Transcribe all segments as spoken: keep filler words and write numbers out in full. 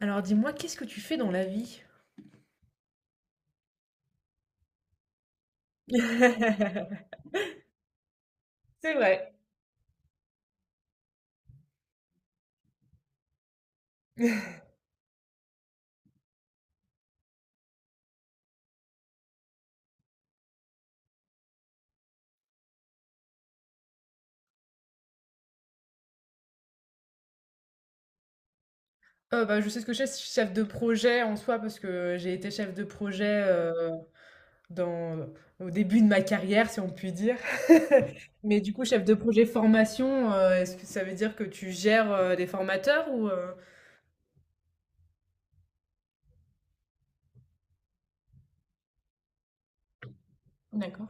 Alors dis-moi, qu'est-ce que tu fais dans la vie? C'est vrai. Euh, bah, je sais ce que je fais, je suis chef de projet en soi, parce que j'ai été chef de projet euh, dans, au début de ma carrière, si on peut dire. Mais du coup, chef de projet formation, euh, est-ce que ça veut dire que tu gères euh, des formateurs ou? euh, D'accord.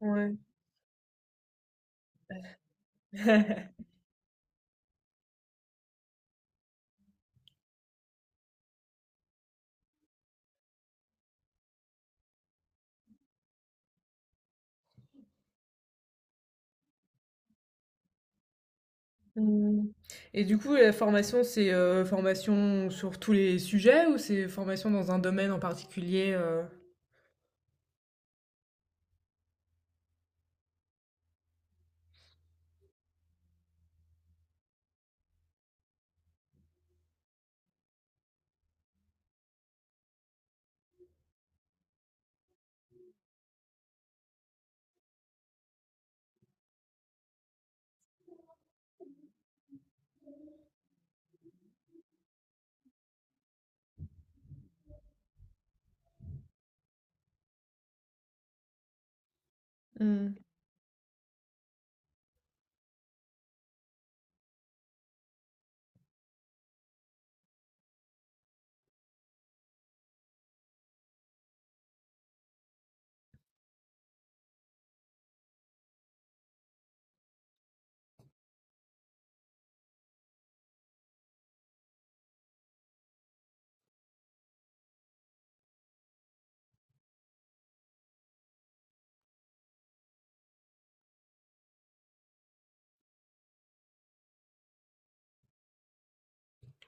Ouais. Hmm. Et du coup, la formation, c'est euh, formation sur tous les sujets ou c'est formation dans un domaine en particulier euh Hmm.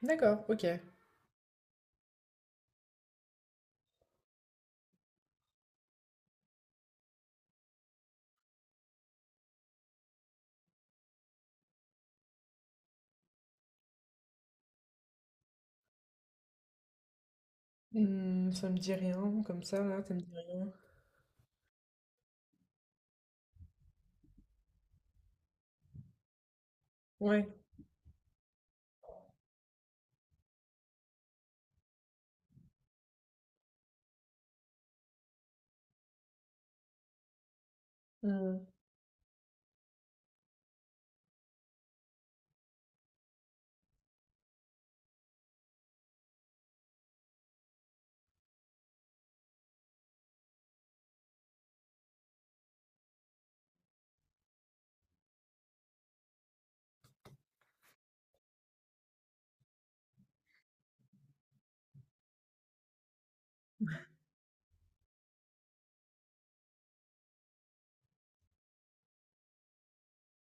D'accord, ok. Mmh, ça me dit rien comme ça là, ça me dit rien. Ouais. Mmh.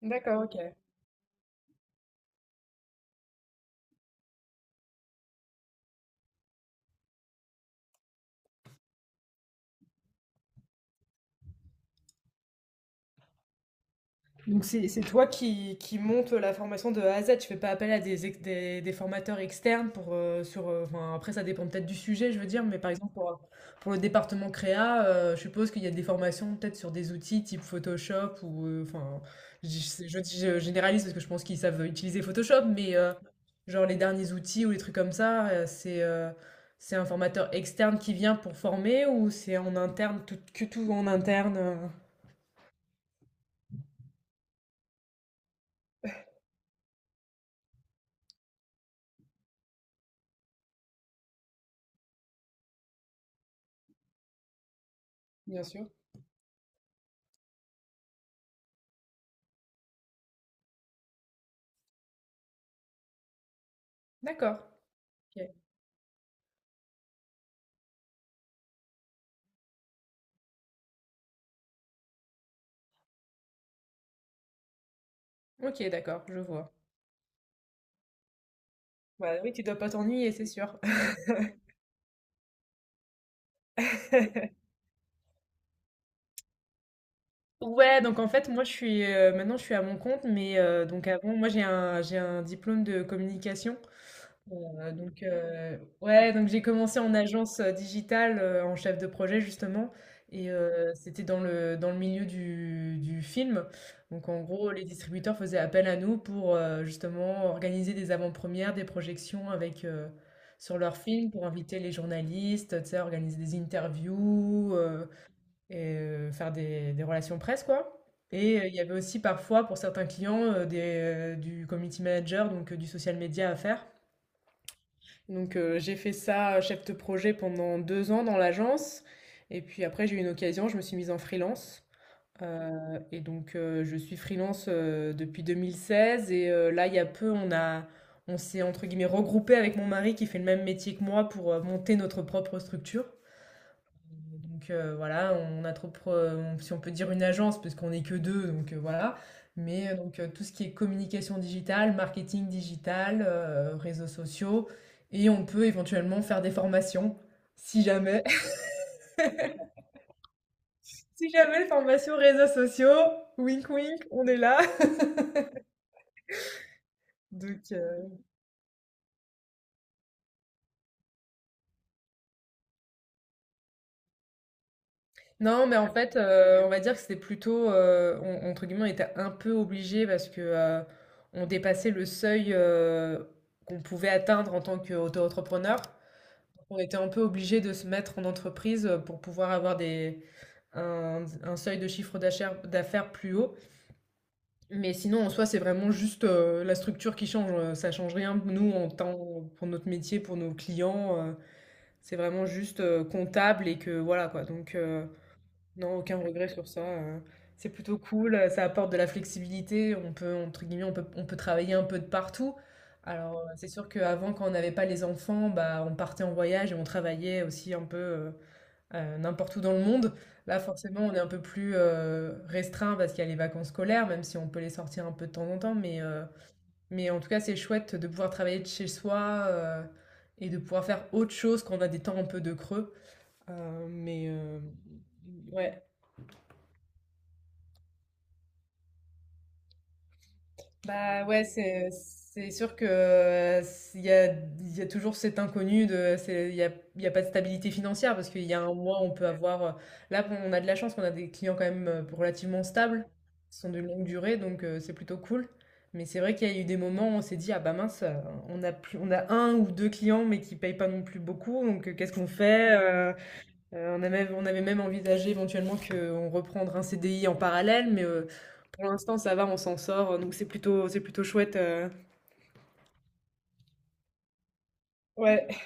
D'accord, OK. Donc c'est c'est toi qui, qui monte la formation de A à Z. Tu fais pas appel à des, ex- des, des formateurs externes pour euh, sur euh, enfin, après ça dépend peut-être du sujet, je veux dire, mais par exemple pour, euh, pour le département créa, euh, je suppose qu'il y a des formations peut-être sur des outils type Photoshop ou euh, enfin je, dis- je dis- je généralise parce que je pense qu'ils savent utiliser Photoshop, mais euh, genre les derniers outils ou les trucs comme ça, euh, c'est euh, c'est un formateur externe qui vient pour former ou c'est en interne tout que tout en interne. euh Bien sûr. D'accord. Ok. OK, d'accord, je vois. Bah, oui, tu dois pas t'ennuyer, c'est sûr. Ouais, donc en fait, moi, je suis euh, maintenant, je suis à mon compte, mais euh, donc avant, moi, j'ai un, j'ai un diplôme de communication. Euh, donc, euh, ouais, donc j'ai commencé en agence euh, digitale, euh, en chef de projet justement, et euh, c'était dans le, dans le milieu du, du film. Donc en gros, les distributeurs faisaient appel à nous pour euh, justement organiser des avant-premières, des projections avec, euh, sur leurs films pour inviter les journalistes, tu sais, organiser des interviews, euh, et euh, faire des, des relations presse, quoi. Et euh, il y avait aussi parfois pour certains clients euh, des, euh, du community manager, donc euh, du social media à faire. Donc, heu, j'ai fait ça, euh, chef de projet pendant deux ans dans l'agence, et puis après j'ai eu une occasion, je me suis mise en freelance, heu et donc heu, je suis freelance, heu, depuis deux mille seize. Et heu, là, il y a peu, on a on s'est entre guillemets regroupé avec mon mari qui fait le même métier que moi pour, heu, monter notre propre structure. Donc euh, voilà, on a trop, pro- on- si on peut dire une agence, parce qu'on n'est que deux, donc euh, voilà. Mais euh, donc euh, tout ce qui est communication digitale, marketing digital, euh, réseaux sociaux, et on peut éventuellement faire des formations, si jamais. Si jamais formation réseaux sociaux, wink wink, on est là. Donc euh, non, mais en fait, euh, on va dire que c'était plutôt, euh, on- entre guillemets, on était un peu obligé parce que euh, on dépassait le seuil euh, qu'on pouvait atteindre en tant qu'auto-entrepreneur. On était un peu obligé de se mettre en entreprise euh, pour pouvoir avoir des, un, un seuil de chiffre d'achère- d'affaires plus haut. Mais sinon, en soi, c'est vraiment juste euh, la structure qui change. euh, Ça change rien. Nous, en tant pour notre métier, pour nos clients, euh, c'est vraiment juste euh, comptable et que voilà quoi. Donc, euh, non, aucun regret sur ça. euh. C'est plutôt cool. euh, Ça apporte de la flexibilité. On peut, entre guillemets, on peut, on peut travailler un peu de partout. Alors, euh, c'est sûr qu'avant, quand on n'avait pas les enfants, bah, on partait en voyage et on travaillait aussi un peu. Euh, Heu, n'importe où dans le monde. Là, forcément, on est un peu plus, heu, restreint parce qu'il y a les vacances scolaires, même si on peut les sortir un peu de temps en temps, mais heu, mais en tout cas, c'est chouette de pouvoir travailler de chez soi, heu et de pouvoir faire autre chose quand on a des temps un peu de creux. Heu, mais heu, ouais. Bah ouais, c'est c'est sûr que euh, il y a, il y a toujours cet inconnu de c'est- il y a, il y a pas de stabilité financière, parce qu'il y a un mois on peut avoir euh, là on a de la chance qu'on a des clients quand même euh, relativement stables qui sont de longue durée, donc euh, c'est plutôt cool. Mais c'est vrai qu'il y a eu des moments où on s'est dit ah bah mince, euh, on a plus on a un ou deux clients mais qui payent pas non plus beaucoup, donc euh, qu'est-ce qu'on fait? euh? Euh, on a même, on avait même envisagé éventuellement qu'on reprendre un C D I en parallèle, mais euh, pour l'instant ça va, on s'en sort, donc c'est plutôt, c'est plutôt chouette. euh. Ouais.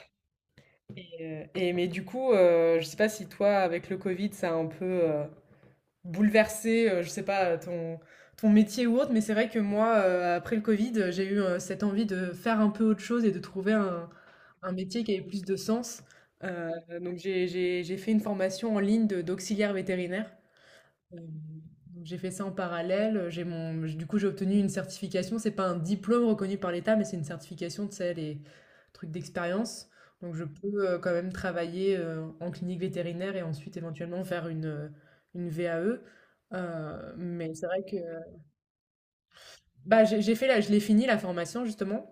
Et, euh, et- mais du coup, euh, je sais pas si toi, avec le Covid, ça a un peu euh, bouleversé, euh, je sais pas, ton, ton métier ou autre, mais c'est vrai que moi, euh, après le Covid, j'ai eu euh, cette envie de faire un peu autre chose et de trouver un, un métier qui avait plus de sens. Euh, donc j'ai, j'ai- j'ai fait une formation en ligne de- d'auxiliaire vétérinaire. Euh, donc j'ai fait ça en parallèle. J'ai mon, j'- du coup, j'ai obtenu une certification. C'est pas un diplôme reconnu par l'État, mais c'est une certification, tu sais, les trucs d'expérience. Donc, je peux euh, quand même travailler euh, en clinique vétérinaire et ensuite éventuellement faire une, euh, une V A E. Euh, mais c'est vrai que bah, j'ai j'ai fait la, je l'ai fini la formation justement.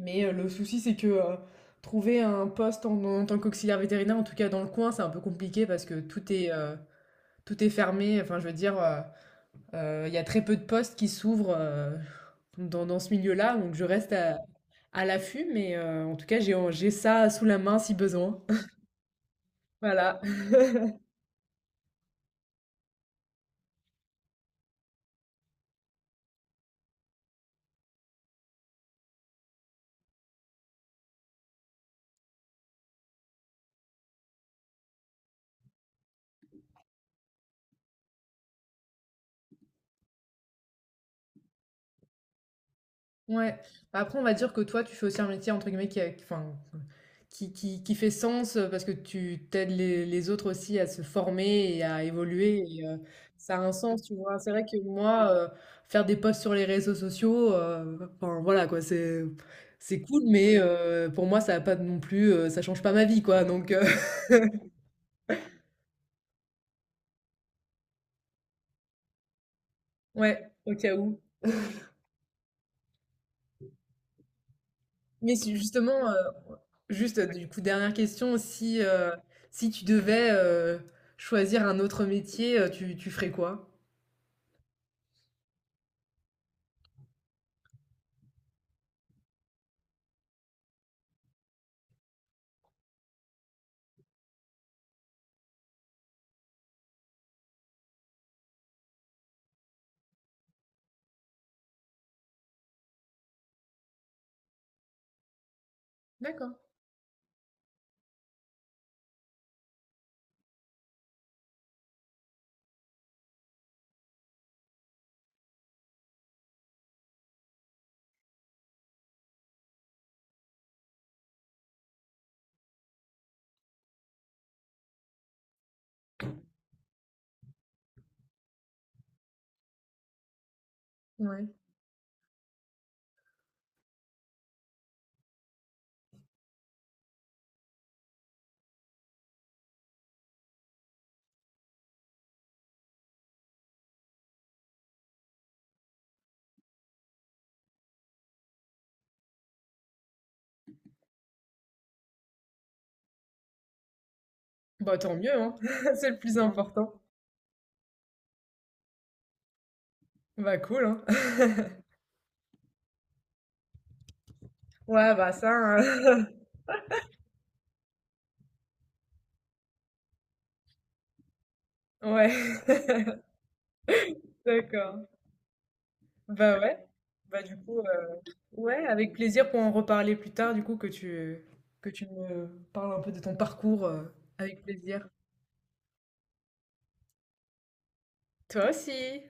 Mais euh, le souci, c'est que euh, trouver un poste en, en tant qu'auxiliaire vétérinaire, en tout cas dans le coin, c'est un peu compliqué parce que tout est, euh, tout est fermé. Enfin, je veux dire. euh, Euh, Il y a très peu de postes qui s'ouvrent euh, dans, dans ce milieu-là, donc je reste à, à l'affût, mais euh, en tout cas, j'ai, j'ai ça sous la main si besoin. Voilà. Ouais. Bah, Après, on va dire que toi, tu fais aussi un métier, entre guillemets, qui, a- qui- enfin, qui, qui, qui fait sens euh, parce que tu t'aides les, les autres aussi à se former et à évoluer. et, euh, ça a un sens, tu vois. C'est vrai que moi, euh, faire des posts sur les réseaux sociaux, euh, enfin, voilà, quoi, c'est, c'est cool, mais euh, pour moi, ça a pas non plus, euh, ça change pas ma vie, quoi. Donc, euh, Ouais, au cas où. Mais si justement, heu, juste euh, du coup, dernière question, si, heu, si tu devais, heu, choisir un autre métier, heu, tu tu ferais quoi? D'accord, ouais. Bah, tant mieux, hein, c'est le plus important. Bah, cool, hein. Ouais, bah, ça, heu, ouais, d'accord. Bah, ouais. Bah, du coup, heu, ouais, avec plaisir pour en reparler plus tard, du coup, que tu que tu me parles un peu de ton parcours, heu, avec plaisir. Toi aussi.